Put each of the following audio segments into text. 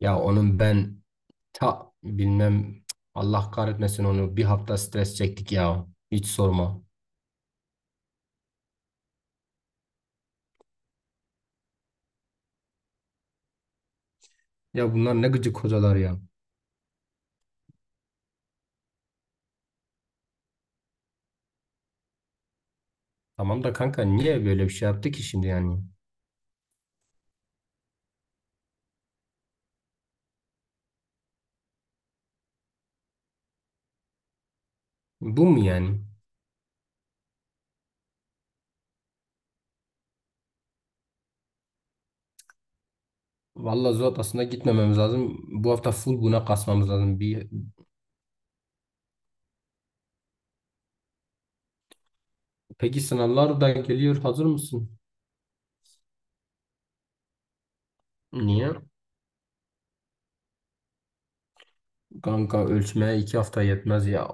Ya onun ben ta bilmem Allah kahretmesin onu bir hafta stres çektik ya. Hiç sorma. Ya bunlar ne gıcık hocalar ya. Tamam da kanka niye böyle bir şey yaptı ki şimdi yani? Bu mu yani? Vallahi zor aslında gitmememiz lazım. Bu hafta full buna kasmamız lazım. Bir... Peki sınavlar da geliyor. Hazır mısın? Niye? Kanka ölçmeye iki hafta yetmez ya.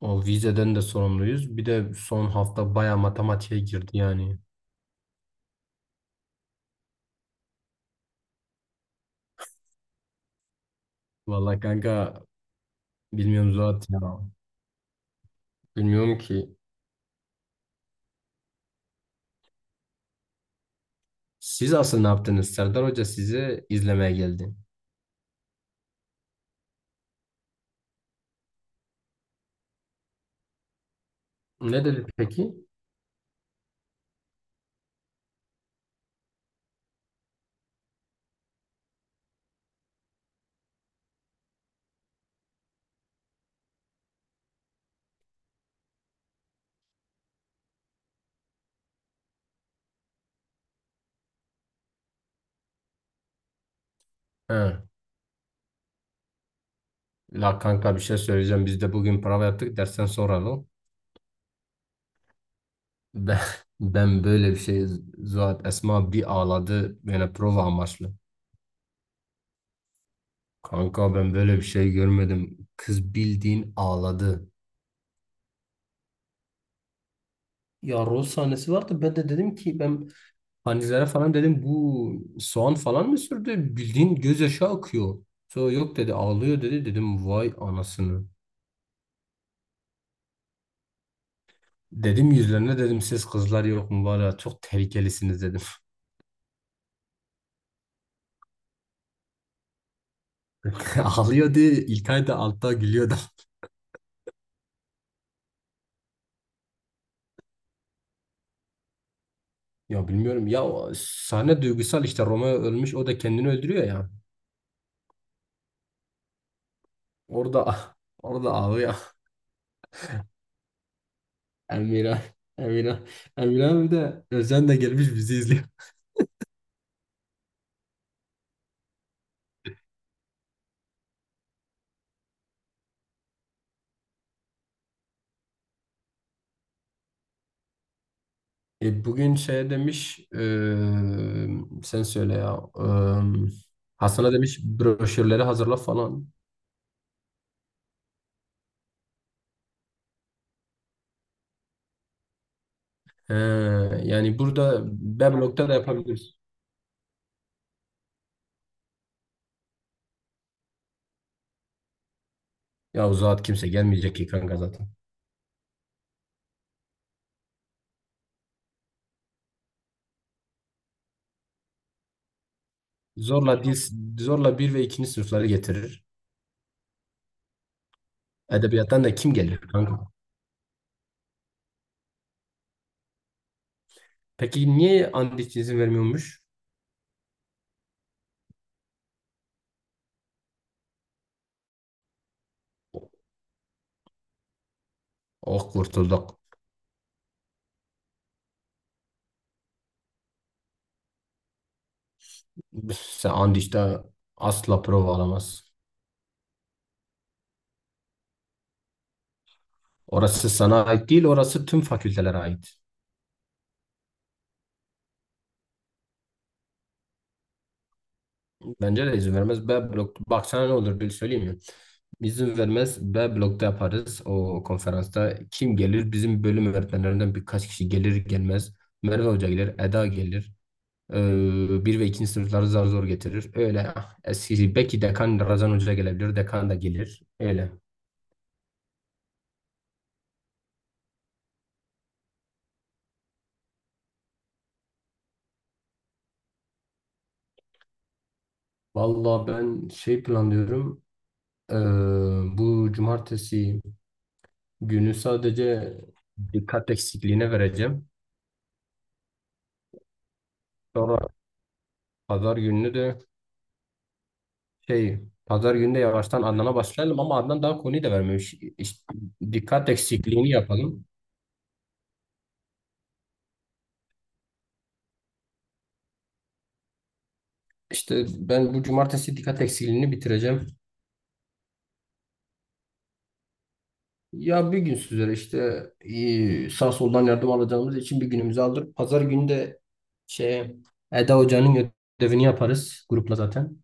O vizeden de sorumluyuz. Bir de son hafta baya matematiğe girdi yani. Vallahi kanka bilmiyorum Zuhat ya. Bilmiyorum ki. Siz asıl ne yaptınız? Serdar Hoca sizi izlemeye geldi. Ne dedi peki? Ha. La kanka bir şey söyleyeceğim. Biz de bugün prova yaptık. Dersten soralım. Ben, ben böyle bir şey Zuhat Esma bir ağladı. Yani prova amaçlı. Kanka ben böyle bir şey görmedim. Kız bildiğin ağladı. Ya rol sahnesi vardı. Ben de dedim ki ben Hanizlere falan dedim bu soğan falan mı sürdü? Bildiğin gözyaşı akıyor. Sonra yok dedi ağlıyor dedi. Dedim vay anasını. Dedim yüzlerine dedim siz kızlar yok mu var ya çok tehlikelisiniz dedim. Ağlıyordu İlkay da altta gülüyordu. Ya bilmiyorum ya o sahne duygusal işte Romeo ölmüş o da kendini öldürüyor ya. Orada orada ağlıyor. Emira Emira Emira abi de Özden de gelmiş bizi izliyor. E, bugün şey demiş sen söyle ya Hasan'a demiş broşürleri hazırla falan. He, yani burada B da yapabiliriz. Ya o zat kimse gelmeyecek ki kanka zaten. Zorla dil, zorla bir ve ikinci sınıfları getirir. Edebiyattan da kim gelir kanka? Peki niye Andiç izin vermiyormuş? Oh kurtulduk. Sen Andiç'te asla prova alamaz. Orası sana ait değil, orası tüm fakültelere ait. Bence de izin vermez. B blok. Bak sana ne olur bir söyleyeyim mi? İzin vermez. B blokta yaparız o konferansta. Kim gelir? Bizim bölüm öğretmenlerinden birkaç kişi gelir gelmez. Merve Hoca gelir, Eda gelir. Bir ve ikinci sınıfları zar zor getirir. Öyle ah, eski belki dekan Razan Hoca gelebilir. Dekan da gelir. Öyle. Vallahi ben şey planlıyorum. Bu cumartesi günü sadece dikkat eksikliğine vereceğim. Sonra pazar gününü de şey pazar günü de yavaştan Adnan'a başlayalım ama Adnan daha konuyu da vermemiş. İşte dikkat eksikliğini yapalım. İşte ben bu cumartesi dikkat eksikliğini bitireceğim. Ya bir gün sizlere işte sağ soldan yardım alacağımız için bir günümüzü alır. Pazar günü de şey Eda Hoca'nın ödevini yaparız grupla zaten.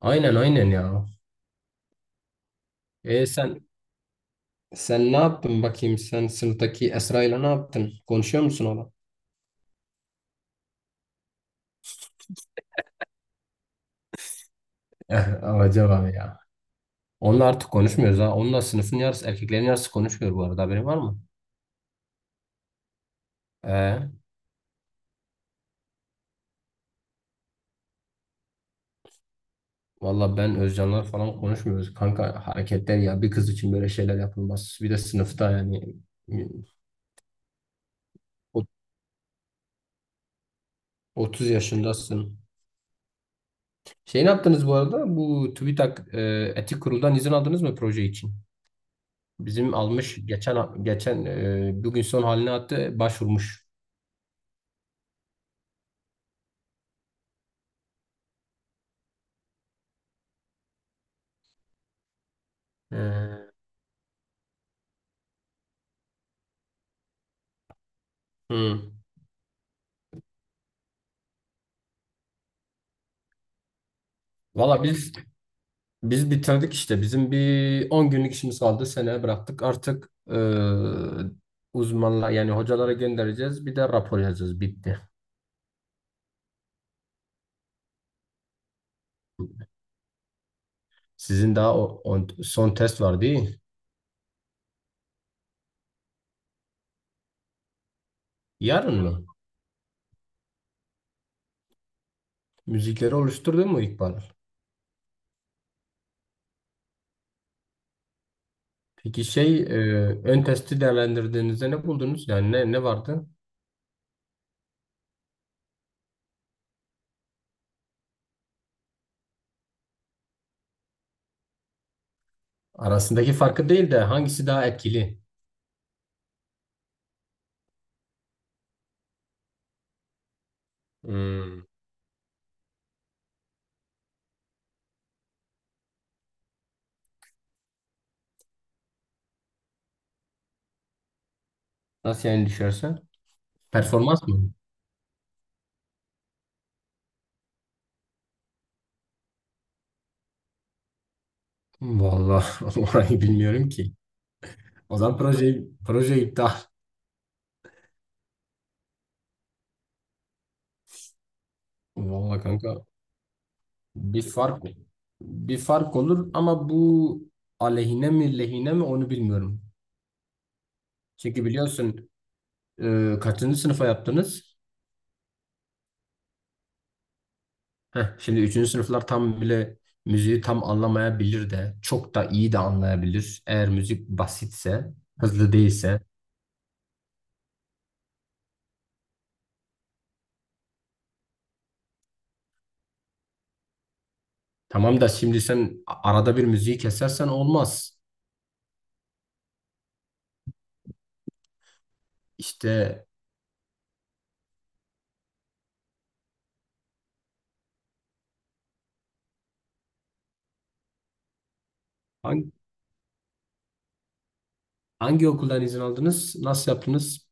Aynen aynen ya. E sen sen ne yaptın bakayım sen sınıftaki Esra ile ne yaptın? Konuşuyor musun ona? Eh, acaba ya. Onunla artık konuşmuyoruz ha. Onunla sınıfın yarısı erkeklerin yarısı konuşmuyor bu arada haberin var mı? E, Valla ben Özcanlar falan konuşmuyoruz. Kanka hareketler ya bir kız için böyle şeyler yapılmaz. Bir de sınıfta yani. O 30 yaşındasın. Şey ne yaptınız bu arada? Bu TÜBİTAK Etik Kurul'dan izin aldınız mı proje için? Bizim almış geçen bugün son haline attı başvurmuş. E, hı. Valla biz bitirdik işte. Bizim bir 10 günlük işimiz kaldı. Seneye bıraktık. Artık uzmanla yani hocalara göndereceğiz. Bir de rapor yazacağız. Bitti. Sizin daha o, on- son test var değil mi? Yarın mı? Müzikleri oluşturdun mu İkbal? Peki şey ön testi değerlendirdiğinizde ne buldunuz? Yani ne vardı? Arasındaki farkı değil de hangisi daha etkili? Hmm. Nasıl yani düşerse? Performans mı? Vallahi orayı bilmiyorum ki. O zaman proje iptal. Vallahi kanka bir fark bir fark olur ama bu aleyhine mi lehine mi onu bilmiyorum. Çünkü biliyorsun kaçıncı sınıfa yaptınız? Heh, şimdi üçüncü sınıflar tam bile müziği tam anlamayabilir de çok da iyi de anlayabilir. Eğer müzik basitse, hızlı değilse. Tamam da şimdi sen a- arada bir müziği kesersen olmaz. İşte hangi, hangi okuldan izin aldınız? Nasıl yaptınız?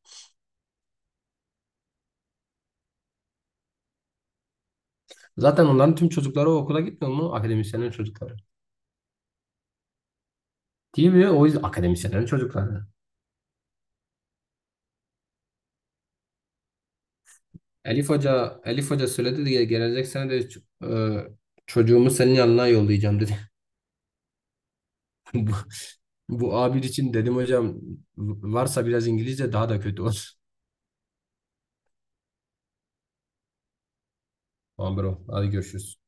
Zaten onların tüm çocukları o okula gitmiyor mu? Akademisyenlerin çocukları. Değil mi? O yüzden akademisyenlerin çocukları. Elif Hoca söyledi de gelecek sene de ç- e, çocuğumu senin yanına yollayacağım dedi. Bu, bu A1 için dedim hocam varsa biraz İngilizce daha da kötü olur. Tamam bro. Hadi görüşürüz.